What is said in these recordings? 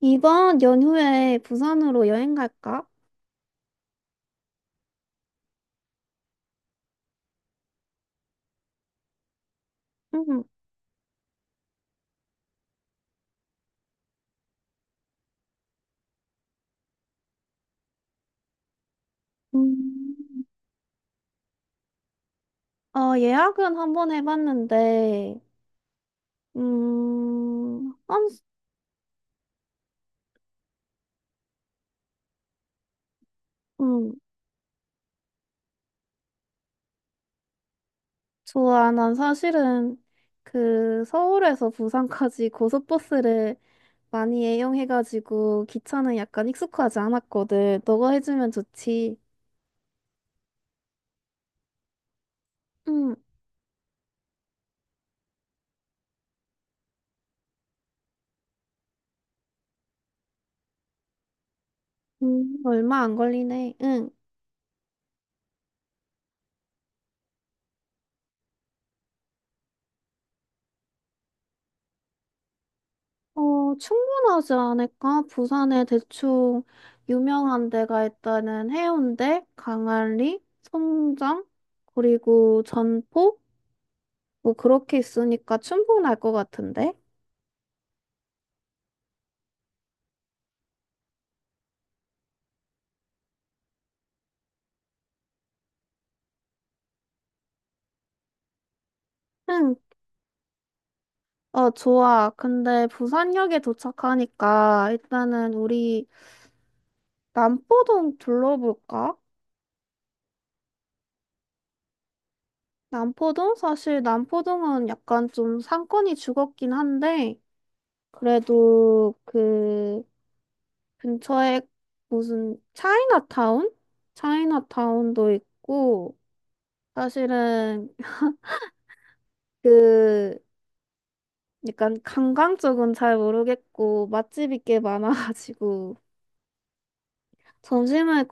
이번 연휴에 부산으로 여행 갈까? 응. 음, 어, 예약은 한번 해봤는데, 음, 한, 음, 좋아. 난 사실은 그 서울에서 부산까지 고속버스를 많이 애용해가지고 기차는 약간 익숙하지 않았거든. 너가 해주면 좋지. 응. 음. 얼마 안 걸리네. 응. 어, 충분하지 않을까? 부산에 대충 유명한 데가 있다는 해운대, 강안리, 송정, 그리고 전포? 뭐 그렇게 있으니까 충분할 것 같은데? 응, 어, 좋아. 근데 부산역에 도착하니까 일단은 우리 남포동 둘러볼까? 남포동? 사실 남포동은 약간 좀 상권이 죽었긴 한데, 그래도 그, 근처에 무슨 차이나타운? 차이나타운도 있고, 사실은 그, 약간 관광 쪽은 잘 모르겠고, 맛집이 꽤 많아가지고, 점심을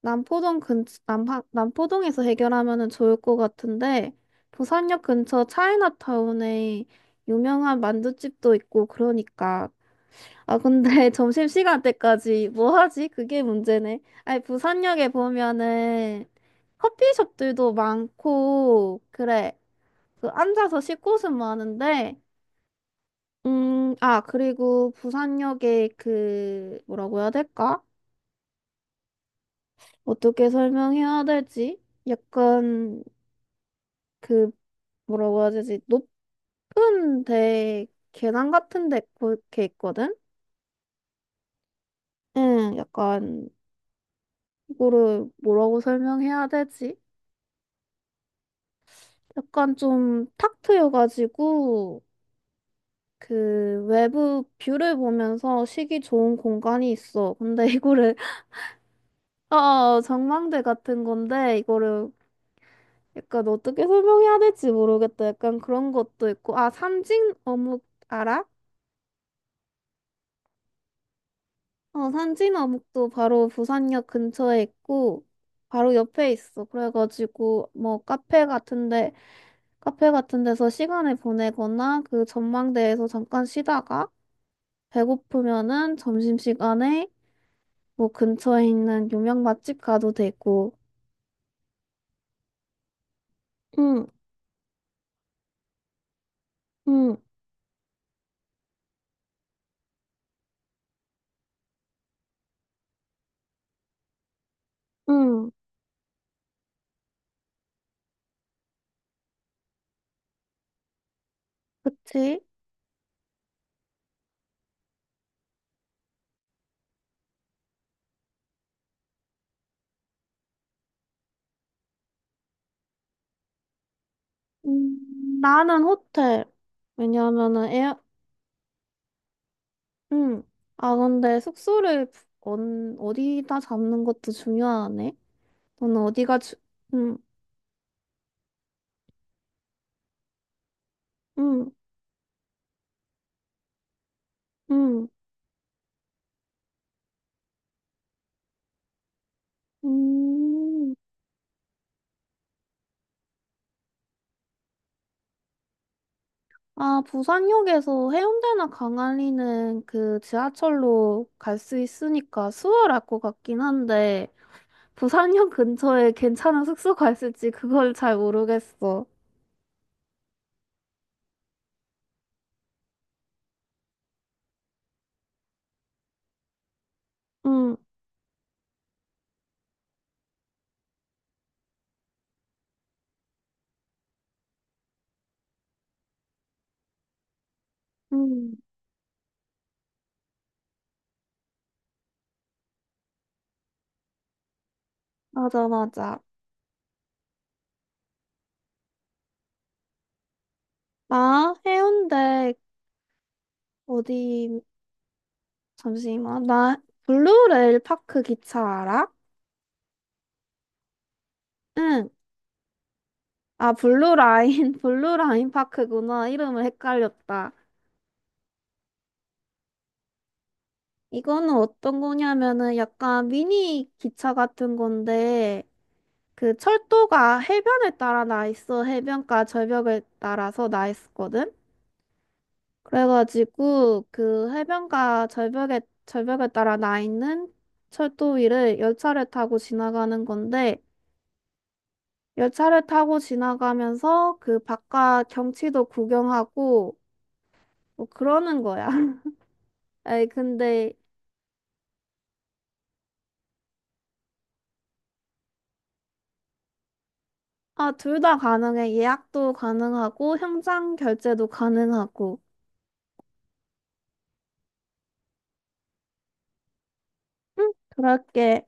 남포동에서 해결하면은 좋을 것 같은데, 부산역 근처 차이나타운에 유명한 만둣집도 있고, 그러니까 아, 근데 점심시간 때까지 뭐 하지? 그게 문제네. 아니, 부산역에 보면은 커피숍들도 많고, 그래. 그 앉아서 쉴 곳은 많은데, 아, 그리고 부산역에 그, 뭐라고 해야 될까? 어떻게 설명해야 될지? 약간 그, 뭐라고 해야 되지? 높은 데, 계단 같은 데 그렇게 있거든? 응, 약간, 이거를 뭐라고 설명해야 되지? 약간 좀 탁 트여가지고 그 외부 뷰를 보면서 쉬기 좋은 공간이 있어. 근데 이거를 아, 전망대 같은 건데 이거를 약간 어떻게 설명해야 될지 모르겠다. 약간 그런 것도 있고 아, 산진 어묵 알아? 어, 산진 어묵도 바로 부산역 근처에 있고 바로 옆에 있어. 그래가지고 뭐 카페 같은데 카페 같은 데서 시간을 보내거나 그 전망대에서 잠깐 쉬다가 배고프면은 점심시간에 뭐 근처에 있는 유명 맛집 가도 되고. 응. 응. 응. 그치? 음, 나는 호텔. 왜냐하면은 에어, 응. 아, 근데 숙소를 어, 어디다 잡는 것도 중요하네. 너는 어디가 주, 응. 응. 응. 음. 아, 부산역에서 해운대나 강안리는 그 지하철로 갈 수 있으니까 수월할 것 같긴 한데. 부산역 근처에 괜찮은 숙소가 있을지 그걸 잘 모르겠어. 응. 응, 맞아, 맞아. 나 해운대 어디, 잠시만. 나 블루레일 파크 기차 알아? 응. 아, 블루라인 파크구나. 이름을 헷갈렸다. 이거는 어떤 거냐면은 약간 미니 기차 같은 건데, 그 철도가 해변에 따라 나 있어. 해변가 절벽을 따라서 나 있거든? 었 그래가지고 그 해변가 절벽에 따라 나 있는 철도 위를 열차를 타고 지나가는 건데 열차를 타고 지나가면서 그 바깥 경치도 구경하고 뭐 그러는 거야. 에이 근데 아, 둘 다 가능해. 예약도 가능하고 현장 결제도 가능하고. 응, 그럴게.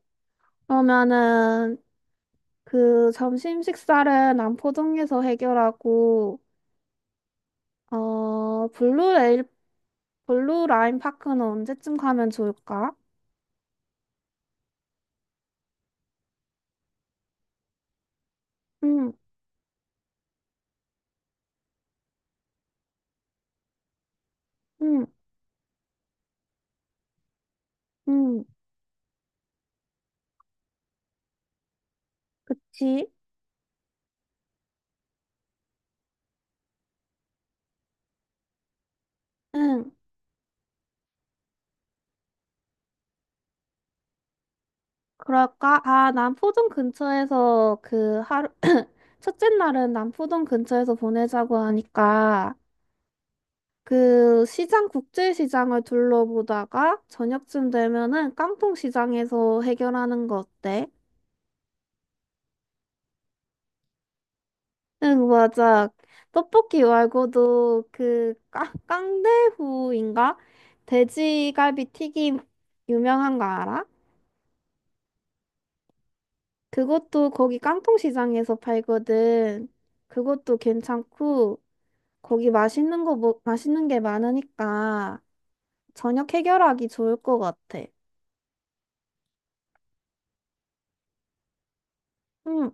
그러면은 그 점심 식사를 남포동에서 해결하고 어 블루 라인 파크는 언제쯤 가면 좋을까? 응. 응. 응. 그치? 응, 그럴까? 아, 남포동 근처에서 그 첫째 날은 남포동 근처에서 보내자고 하니까 그 시장, 국제시장을 둘러보다가 저녁쯤 되면은 깡통시장에서 해결하는 거 어때? 응, 맞아. 떡볶이 말고도 그 깡대후인가? 돼지갈비 튀김 유명한 거 알아? 그것도 거기 깡통시장에서 팔거든. 그것도 괜찮고 거기 맛있는 거 맛있는 게 많으니까 저녁 해결하기 좋을 것 같아. 응.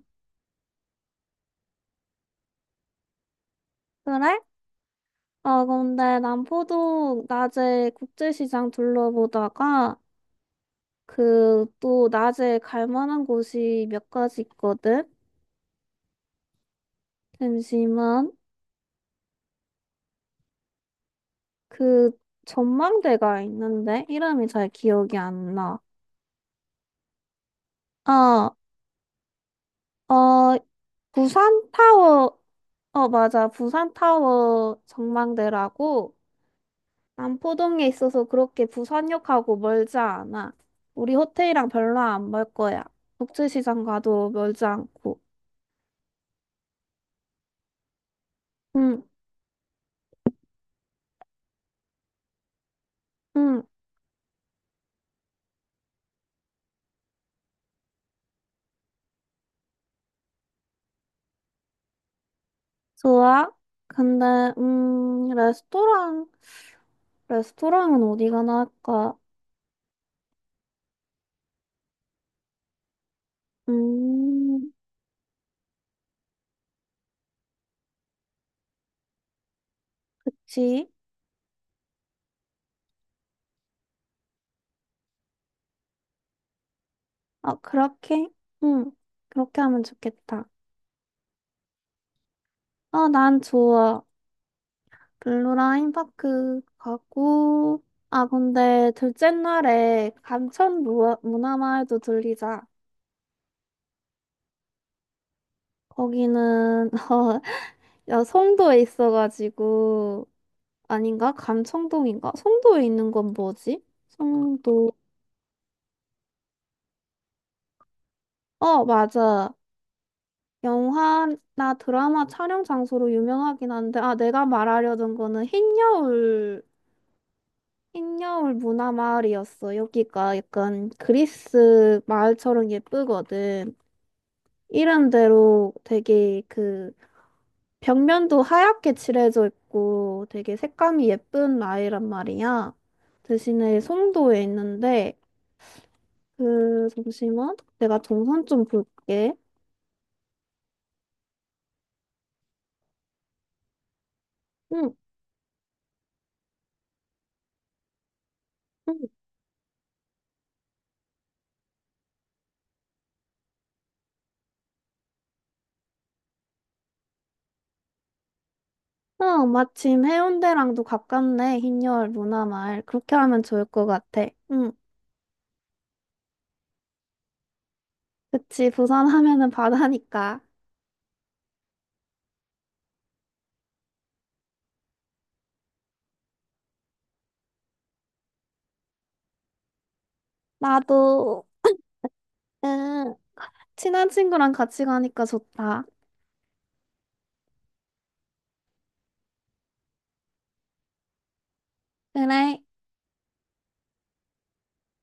그래? 어, 근데 남포동 낮에 국제시장 둘러보다가 그 또 낮에 갈 만한 곳이 몇 가지 있거든. 잠시만. 그 전망대가 있는데 이름이 잘 기억이 안 나. 아, 어, 부산 타워. 어, 맞아. 부산 타워 전망대라고 남포동에 있어서 그렇게 부산역하고 멀지 않아. 우리 호텔이랑 별로 안 멀 거야. 국제시장 가도 멀지 않고. 응. 응, 좋아. 근데 레스토랑은 어디가 나을까? 음, 그치. 어, 그렇게? 응, 그렇게 하면 좋겠다. 어, 난 좋아. 블루라인 파크 가고, 아, 근데 둘째 날에 감천 문화마을도 들리자. 거기는, 어, 야, 송도에 있어가지고, 아닌가? 감청동인가? 송도에 있는 건 뭐지? 송도. 어, 맞아. 영화나 드라마 촬영 장소로 유명하긴 한데, 아, 내가 말하려던 거는 흰여울. 흰여울 문화마을이었어. 여기가 약간 그리스 마을처럼 예쁘거든. 이름대로 되게 그 벽면도 하얗게 칠해져 있고 되게 색감이 예쁜 마을이란 말이야. 대신에 송도에 있는데 그 잠시만 내가 동선 좀 볼게. 응. 응. 어, 마침 해운대랑도 가깝네. 흰여울 문화마을. 그렇게 하면 좋을 것 같아. 응. 그치. 부산 하면은 바다니까. 나도. 응, 친한 친구랑 같이 가니까 좋다. 그래,